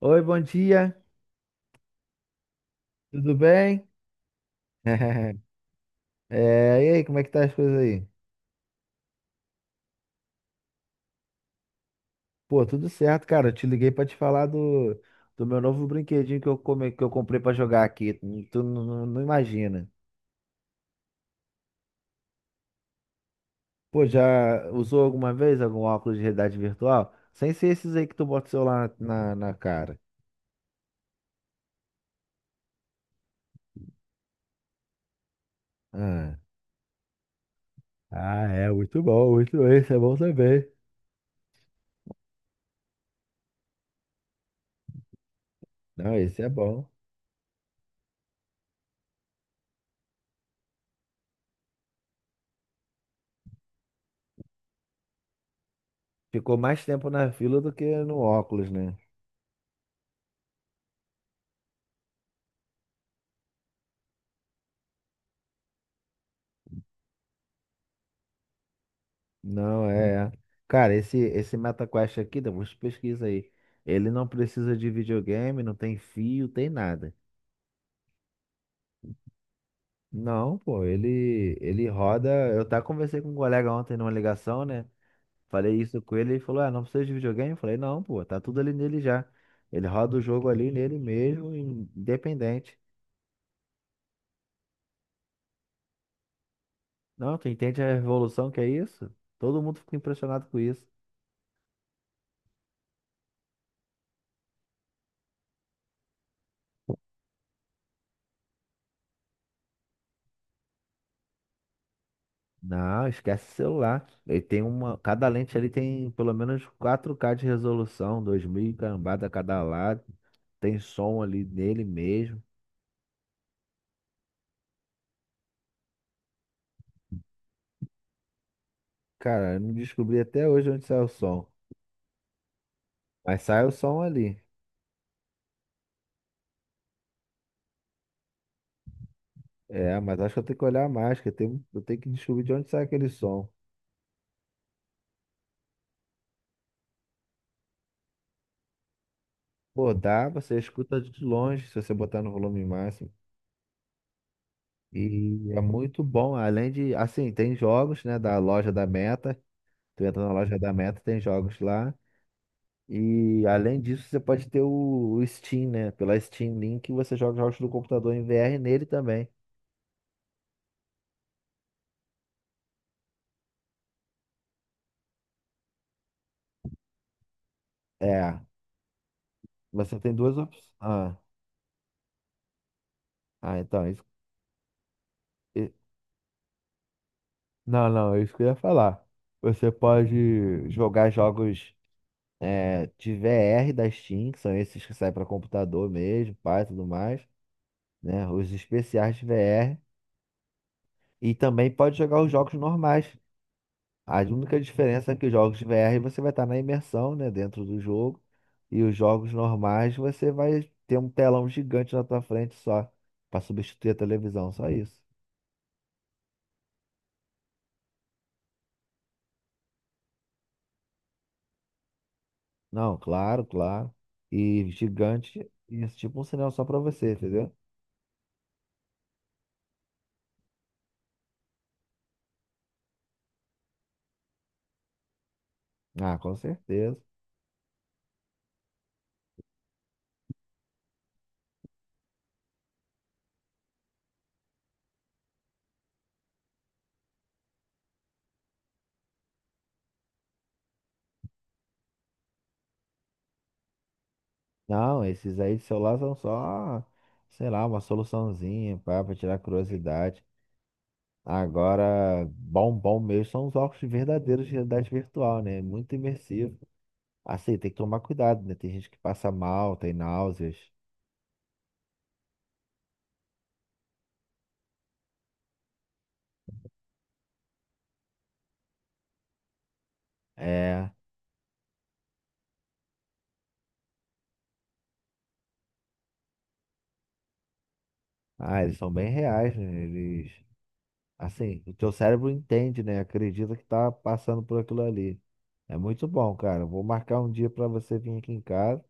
Oi, bom dia, tudo bem? E aí, como é que tá as coisas aí? Pô, tudo certo, cara. Eu te liguei pra te falar do meu novo brinquedinho que eu comprei pra jogar aqui. Tu não imagina. Pô, já usou alguma vez algum óculos de realidade virtual? Sem ser esses aí que tu bota o celular na cara. Ah, Ah, é, muito bom, muito bom. Esse é bom também. Não, esse é bom. Ficou mais tempo na fila do que no óculos, né? Não, é. Cara, esse MetaQuest aqui, depois pesquisa aí. Ele não precisa de videogame, não tem fio, tem nada. Não, pô, ele roda. Eu até conversei com um colega ontem numa ligação, né? Falei isso com ele, ele falou: "Ah, não precisa de videogame?" Eu falei: "Não, pô, tá tudo ali nele já." Ele roda o jogo ali nele mesmo, independente. Não, tu entende a revolução que é isso? Todo mundo fica impressionado com isso. Não, esquece o celular. Ele tem uma. Cada lente ali tem pelo menos 4K de resolução, 2000 e cambada a cada lado. Tem som ali nele mesmo. Cara, eu não descobri até hoje onde sai o som. Mas sai o som ali. É, mas acho que eu tenho que olhar mais, eu tenho que descobrir de onde sai aquele som. Pô, dá, você escuta de longe, se você botar no volume máximo. E é muito bom. Além de, assim, tem jogos, né, da loja da Meta. Tu entra na loja da Meta, tem jogos lá. E além disso, você pode ter o Steam, né? Pela Steam Link, você joga jogos do computador em VR nele também. É, você tem duas opções. Ah, então, isso, e- não, não, é isso que eu ia falar. Você pode jogar jogos de V R da Steam, que são esses que saem para computador mesmo, pai, tudo mais, né? Os especiais de VR. E também pode jogar os jogos normais. A única diferença é que os jogos de VR você vai estar na imersão, né, dentro do jogo, e os jogos normais você vai ter um telão gigante na tua frente só, para substituir a televisão, só isso. Não, claro, claro. E gigante, isso tipo um sinal só para você, entendeu? Ah, com certeza. Não, esses aí de celular são só, sei lá, uma soluçãozinha para tirar curiosidade. Agora, bom mesmo são os óculos verdadeiros de realidade virtual, né? Muito imersivo. Assim, tem que tomar cuidado, né? Tem gente que passa mal, tem náuseas. É. Ah, eles são bem reais, né? Eles. Assim, o teu cérebro entende, né? Acredita que tá passando por aquilo ali. É muito bom, cara. Vou marcar um dia pra você vir aqui em casa.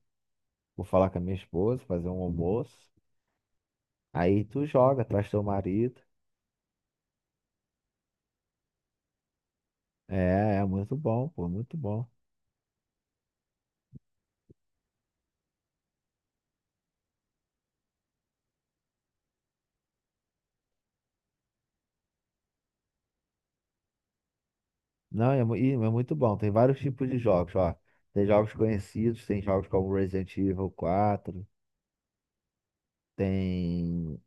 Vou falar com a minha esposa, fazer um almoço. Aí tu joga, traz teu marido. É, é muito bom, pô, muito bom. Não, é muito bom. Tem vários tipos de jogos, ó. Tem jogos conhecidos, tem jogos como Resident Evil 4. Tem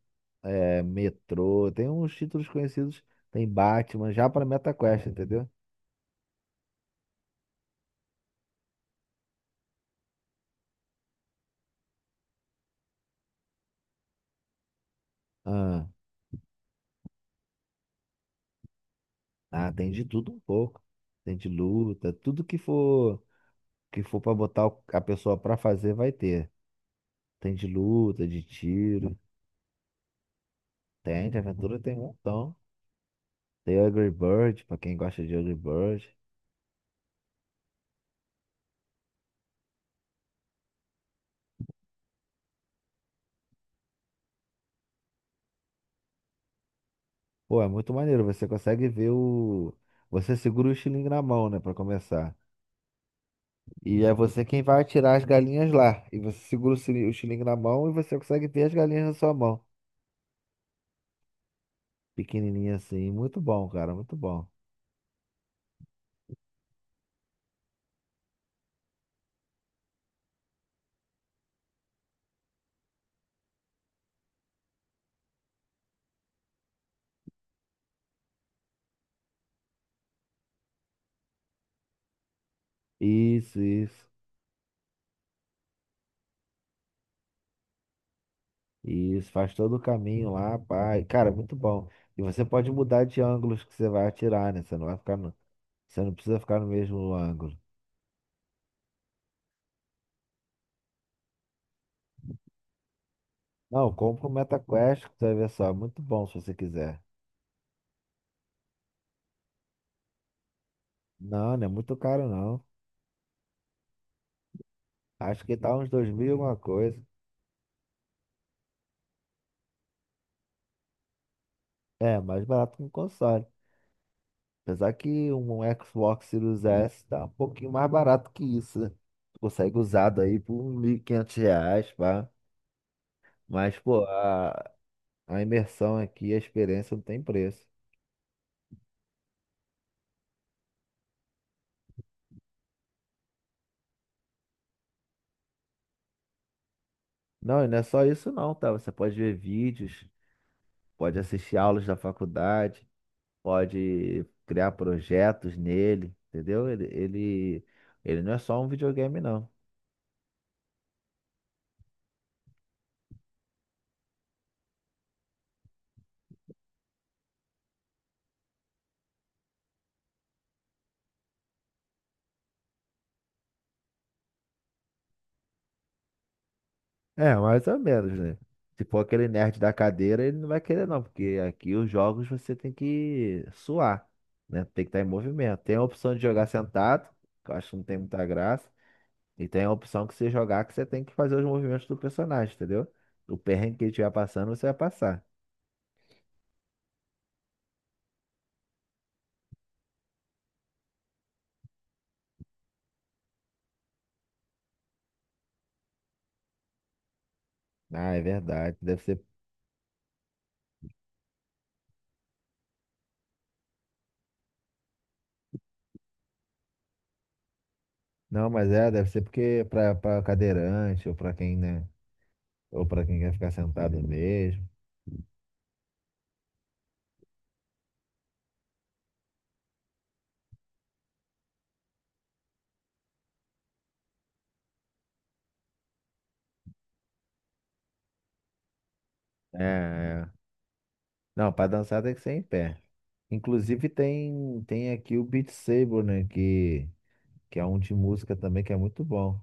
Metrô, tem uns títulos conhecidos, tem Batman, já para MetaQuest, entendeu? Ah, ah, tem de tudo um pouco. Tem de luta, tudo que for para botar a pessoa para fazer vai ter. Tem de luta, de tiro, tem de aventura, tem um montão. Tem Angry Bird, para quem gosta de Angry Bird. Pô, é muito maneiro, você segura o estilingue na mão, né, para começar. E é você quem vai atirar as galinhas lá. E você segura o o xilingue na mão e você consegue ver as galinhas na sua mão. Pequenininha assim. Muito bom, cara. Muito bom. Isso, isso. Isso. Faz todo o caminho lá, pai. Cara, muito bom. E você pode mudar de ângulos que você vai atirar, né? Você não precisa ficar no mesmo ângulo. Não, compra o MetaQuest, que você vai ver só. Muito bom se você quiser. Não, não é muito caro, não. Acho que tá uns 2000 e alguma coisa. É, mais barato que um console. Apesar que um Xbox Series S tá um pouquinho mais barato que isso, né? Tu consegue usado aí por R$ 1.500, pá. Mas, pô, a imersão aqui, a experiência não tem preço. Não, e não é só isso não, tá? Você pode ver vídeos, pode assistir aulas da faculdade, pode criar projetos nele, entendeu? Ele não é só um videogame, não. É, mais ou menos, né? Se for aquele nerd da cadeira, ele não vai querer não, porque aqui os jogos você tem que suar, né? Tem que estar em movimento. Tem a opção de jogar sentado, que eu acho que não tem muita graça, e tem a opção que você jogar que você tem que fazer os movimentos do personagem, entendeu? O perrengue que ele estiver passando, você vai passar. Ah, é verdade. Deve ser. Não, mas é, deve ser porque pra cadeirante, ou pra quem, né? Ou pra quem quer ficar sentado mesmo. É, é. Não, pra dançar tem que ser em pé. Inclusive tem aqui o Beat Saber, né? Que é um de música também que é muito bom.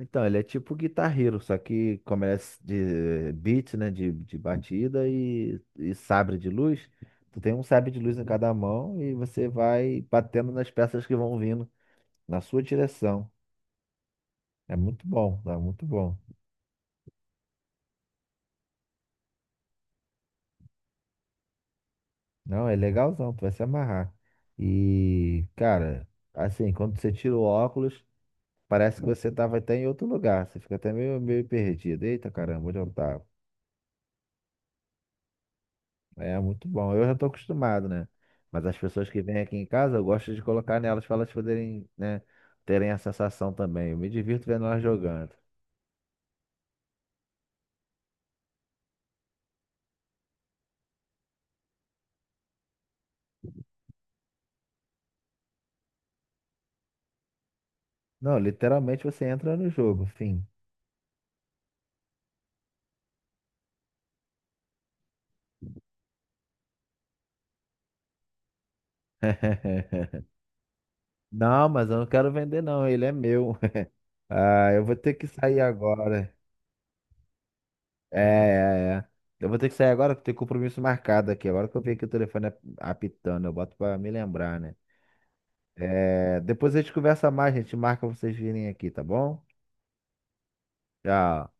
Então, ele é tipo Guitar Hero, só que como ele é de beat, né? De batida e sabre de luz. Tu tem um sabre de luz em cada mão e você vai batendo nas peças que vão vindo na sua direção. É muito bom, é muito bom. Não, é legalzão, tu vai se amarrar. E, cara, assim, quando você tira o óculos. Parece que você tava até em outro lugar. Você fica até meio perdido. Eita, caramba, onde eu tava? É muito bom. Eu já tô acostumado, né? Mas as pessoas que vêm aqui em casa, eu gosto de colocar nelas para elas poderem, né, terem a sensação também. Eu me divirto vendo elas jogando. Não, literalmente você entra no jogo, fim. Não, mas eu não quero vender, não. Ele é meu. Ah, eu vou ter que sair agora. É, é, é. Eu vou ter que sair agora, porque tem compromisso marcado aqui. Agora que eu vi que o telefone apitando, eu boto pra me lembrar, né? É, depois a gente conversa mais, gente marca vocês virem aqui, tá bom? Tchau.